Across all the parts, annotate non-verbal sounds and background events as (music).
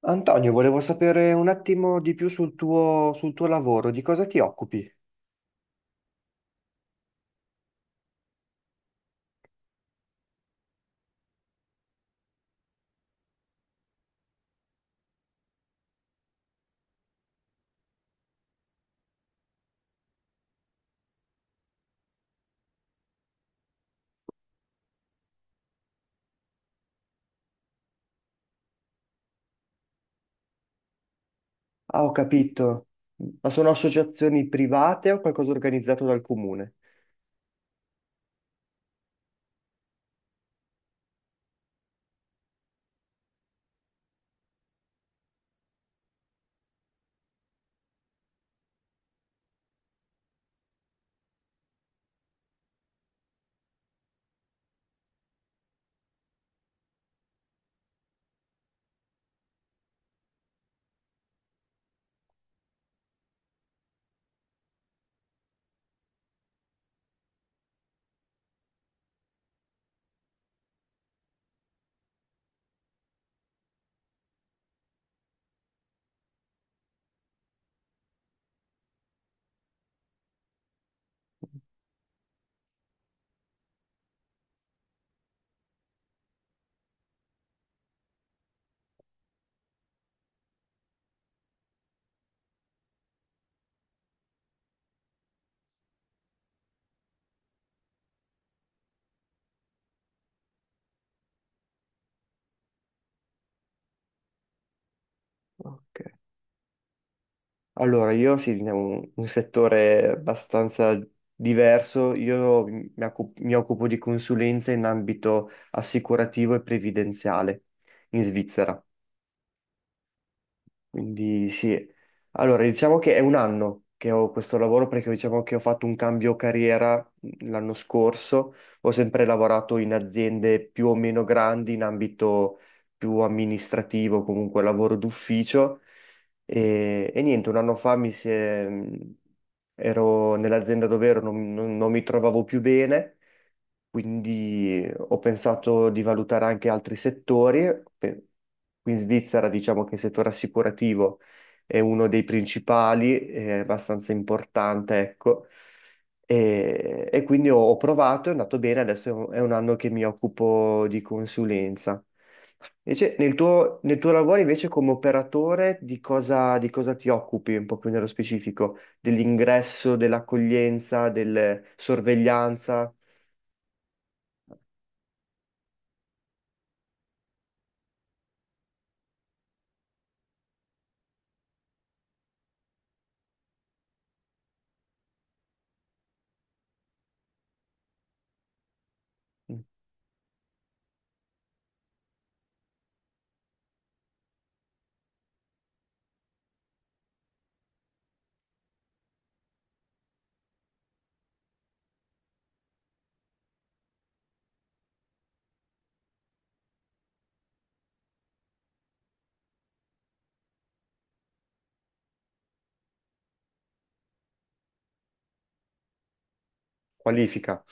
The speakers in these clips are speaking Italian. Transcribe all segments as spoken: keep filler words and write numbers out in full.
Antonio, volevo sapere un attimo di più sul tuo, sul tuo lavoro, di cosa ti occupi? Ah, ho capito. Ma sono associazioni private o qualcosa organizzato dal comune? Ok. Allora, io sì, in un, un settore abbastanza diverso. Io mi, occu- mi occupo di consulenza in ambito assicurativo e previdenziale in Svizzera. Quindi sì, allora diciamo che è un anno che ho questo lavoro, perché diciamo che ho fatto un cambio carriera mhmm, l'anno scorso. Ho sempre lavorato in aziende più o meno grandi in ambito più amministrativo, comunque lavoro d'ufficio e, e niente, un anno fa mi si è- mhmm, ero nell'azienda dove ero, non non- non mi trovavo più bene, quindi ho pensato di valutare anche altri settori. Pe- Qui in Svizzera diciamo che il settore assicurativo è uno dei principali, è abbastanza importante, ecco. E, e quindi ho, ho provato, è andato bene, adesso è un, è un anno che mi occupo di consulenza. Invece, nel tuo, nel tuo lavoro invece come operatore di cosa, di cosa ti occupi un po' più nello specifico? Dell'ingresso, dell'accoglienza, del sorveglianza? Qualifica.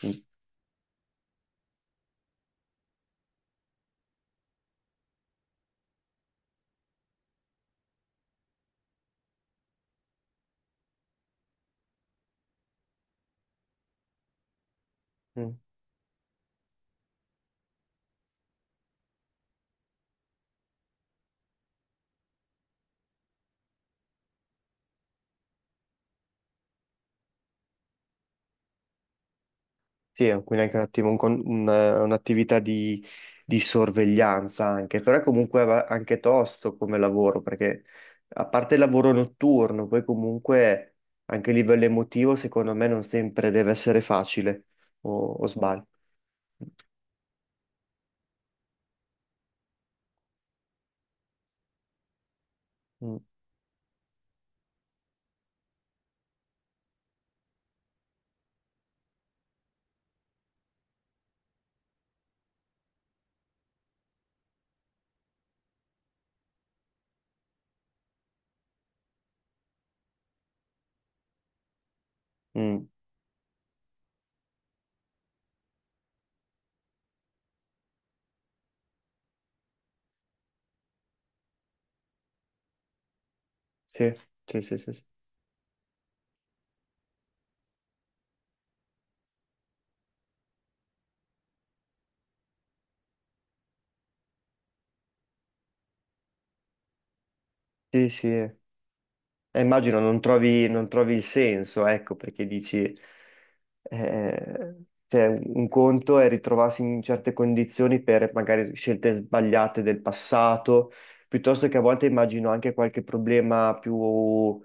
Mm. Sì, è quindi anche un attimo un con- un, eh, un'attività di, di sorveglianza anche, però è comunque va- anche tosto come lavoro, perché a parte il lavoro notturno, poi comunque anche a livello emotivo, secondo me non sempre deve essere facile, o, o sbaglio. Mm, mm, sì, sì, sì, sì. Sì, sì. Sì. Sì. Eh, immagino non trovi, non trovi il senso, ecco, perché dici, eh, cioè, un conto è ritrovarsi in certe condizioni per magari scelte sbagliate del passato, piuttosto che a volte immagino anche qualche problema più,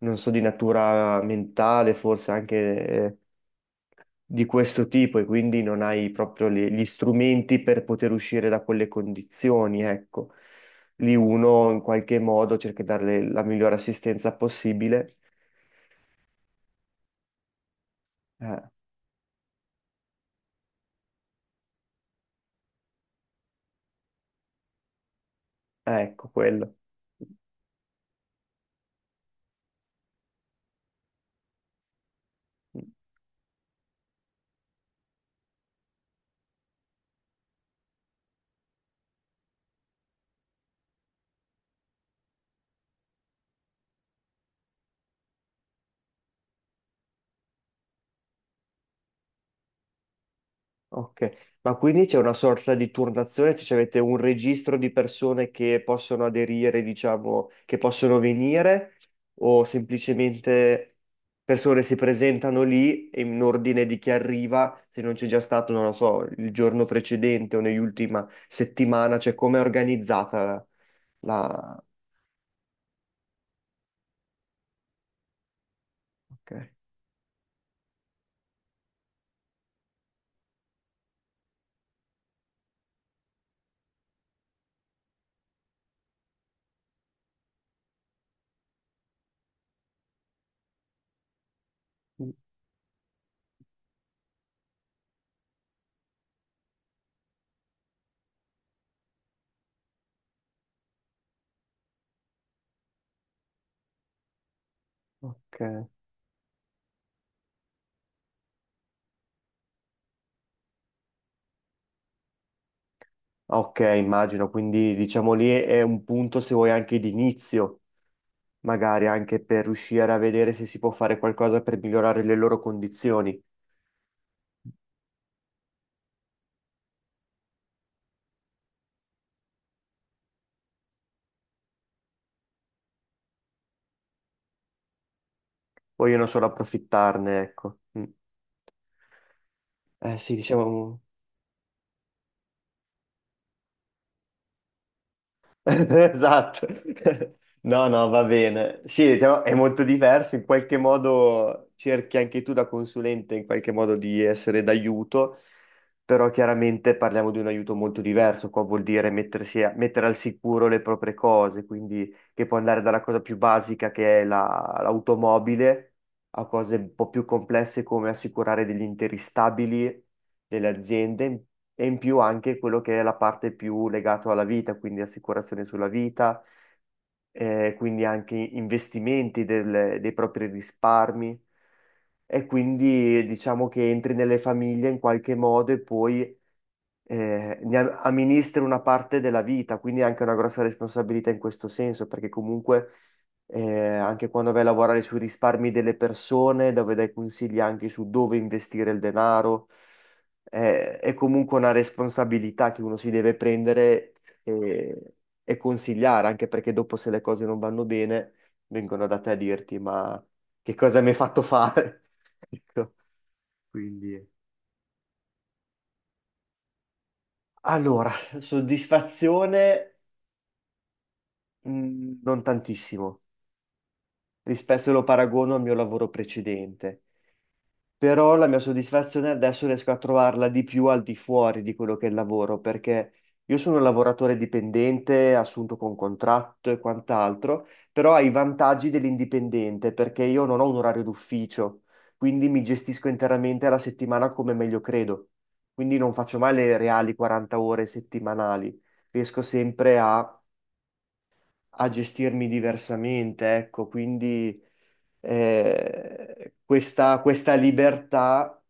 non so, di natura mentale, forse anche eh, di questo tipo, e quindi non hai proprio le- gli strumenti per poter uscire da quelle condizioni, ecco. Lì uno in qualche modo cerca di darle la migliore assistenza possibile. Eh, ecco quello. Ok, ma quindi c'è una sorta di turnazione, cioè avete un registro di persone che possono aderire, diciamo, che possono venire, o semplicemente persone si presentano lì e in ordine di chi arriva, se non c'è già stato, non lo so, il giorno precedente o nell'ultima settimana, cioè come è organizzata la... Ok, ok. Ah, ok, immagino, quindi diciamo lì è un punto se vuoi anche di inizio, magari anche per riuscire a vedere se si può fare qualcosa per migliorare le loro condizioni. Vogliono solo approfittarne, ecco. Mm. Eh sì, diciamo. (laughs) Esatto. (laughs) No, no, va bene. Sì, diciamo, è molto diverso, in qualche modo cerchi anche tu da consulente in qualche modo di essere d'aiuto, però chiaramente parliamo di un aiuto molto diverso, qua vuol dire mettersi a- mettere al sicuro le proprie cose, quindi che può andare dalla cosa più basica, che è la- l'automobile, a cose un po' più complesse, come assicurare degli interi stabili, delle aziende, e in più anche quello che è la parte più legata alla vita, quindi assicurazione sulla vita, eh, quindi anche investimenti del- dei propri risparmi. E quindi diciamo che entri nelle famiglie in qualche modo, e poi eh, ne am- amministri una parte della vita, quindi è anche una grossa responsabilità in questo senso, perché comunque eh, anche quando vai a lavorare sui risparmi delle persone, dove dai consigli anche su dove investire il denaro, eh, è comunque una responsabilità che uno si deve prendere e, e consigliare, anche perché dopo, se le cose non vanno bene, vengono da te a dirti, ma che cosa mi hai fatto fare? (laughs) Ecco, quindi... Allora, (laughs) soddisfazione. Mm, non tantissimo, rispetto se lo paragono al mio lavoro precedente, però la mia soddisfazione adesso riesco a trovarla di più al di fuori di quello che è il lavoro, perché io sono un lavoratore dipendente, assunto con contratto e quant'altro, però ha i vantaggi dell'indipendente, perché io non ho un orario d'ufficio, quindi mi gestisco interamente la settimana come meglio credo, quindi non faccio mai le reali quaranta ore settimanali, riesco sempre a a gestirmi diversamente, ecco, quindi eh, questa, questa libertà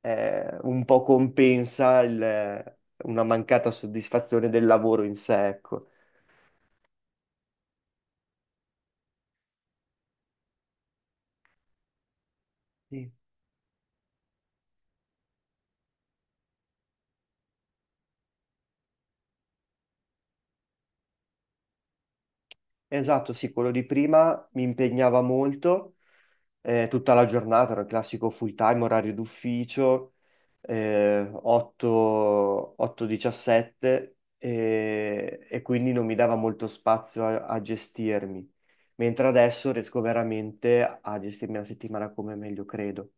eh, un po' compensa il- una mancata soddisfazione del lavoro in sé, ecco. Sì. Esatto, sì, quello di prima mi impegnava molto, eh, tutta la giornata, era il classico full time, orario d'ufficio, eh, otto, otto diciassette, eh, e quindi non mi dava molto spazio a, a gestirmi, mentre adesso riesco veramente a gestirmi la settimana come meglio credo.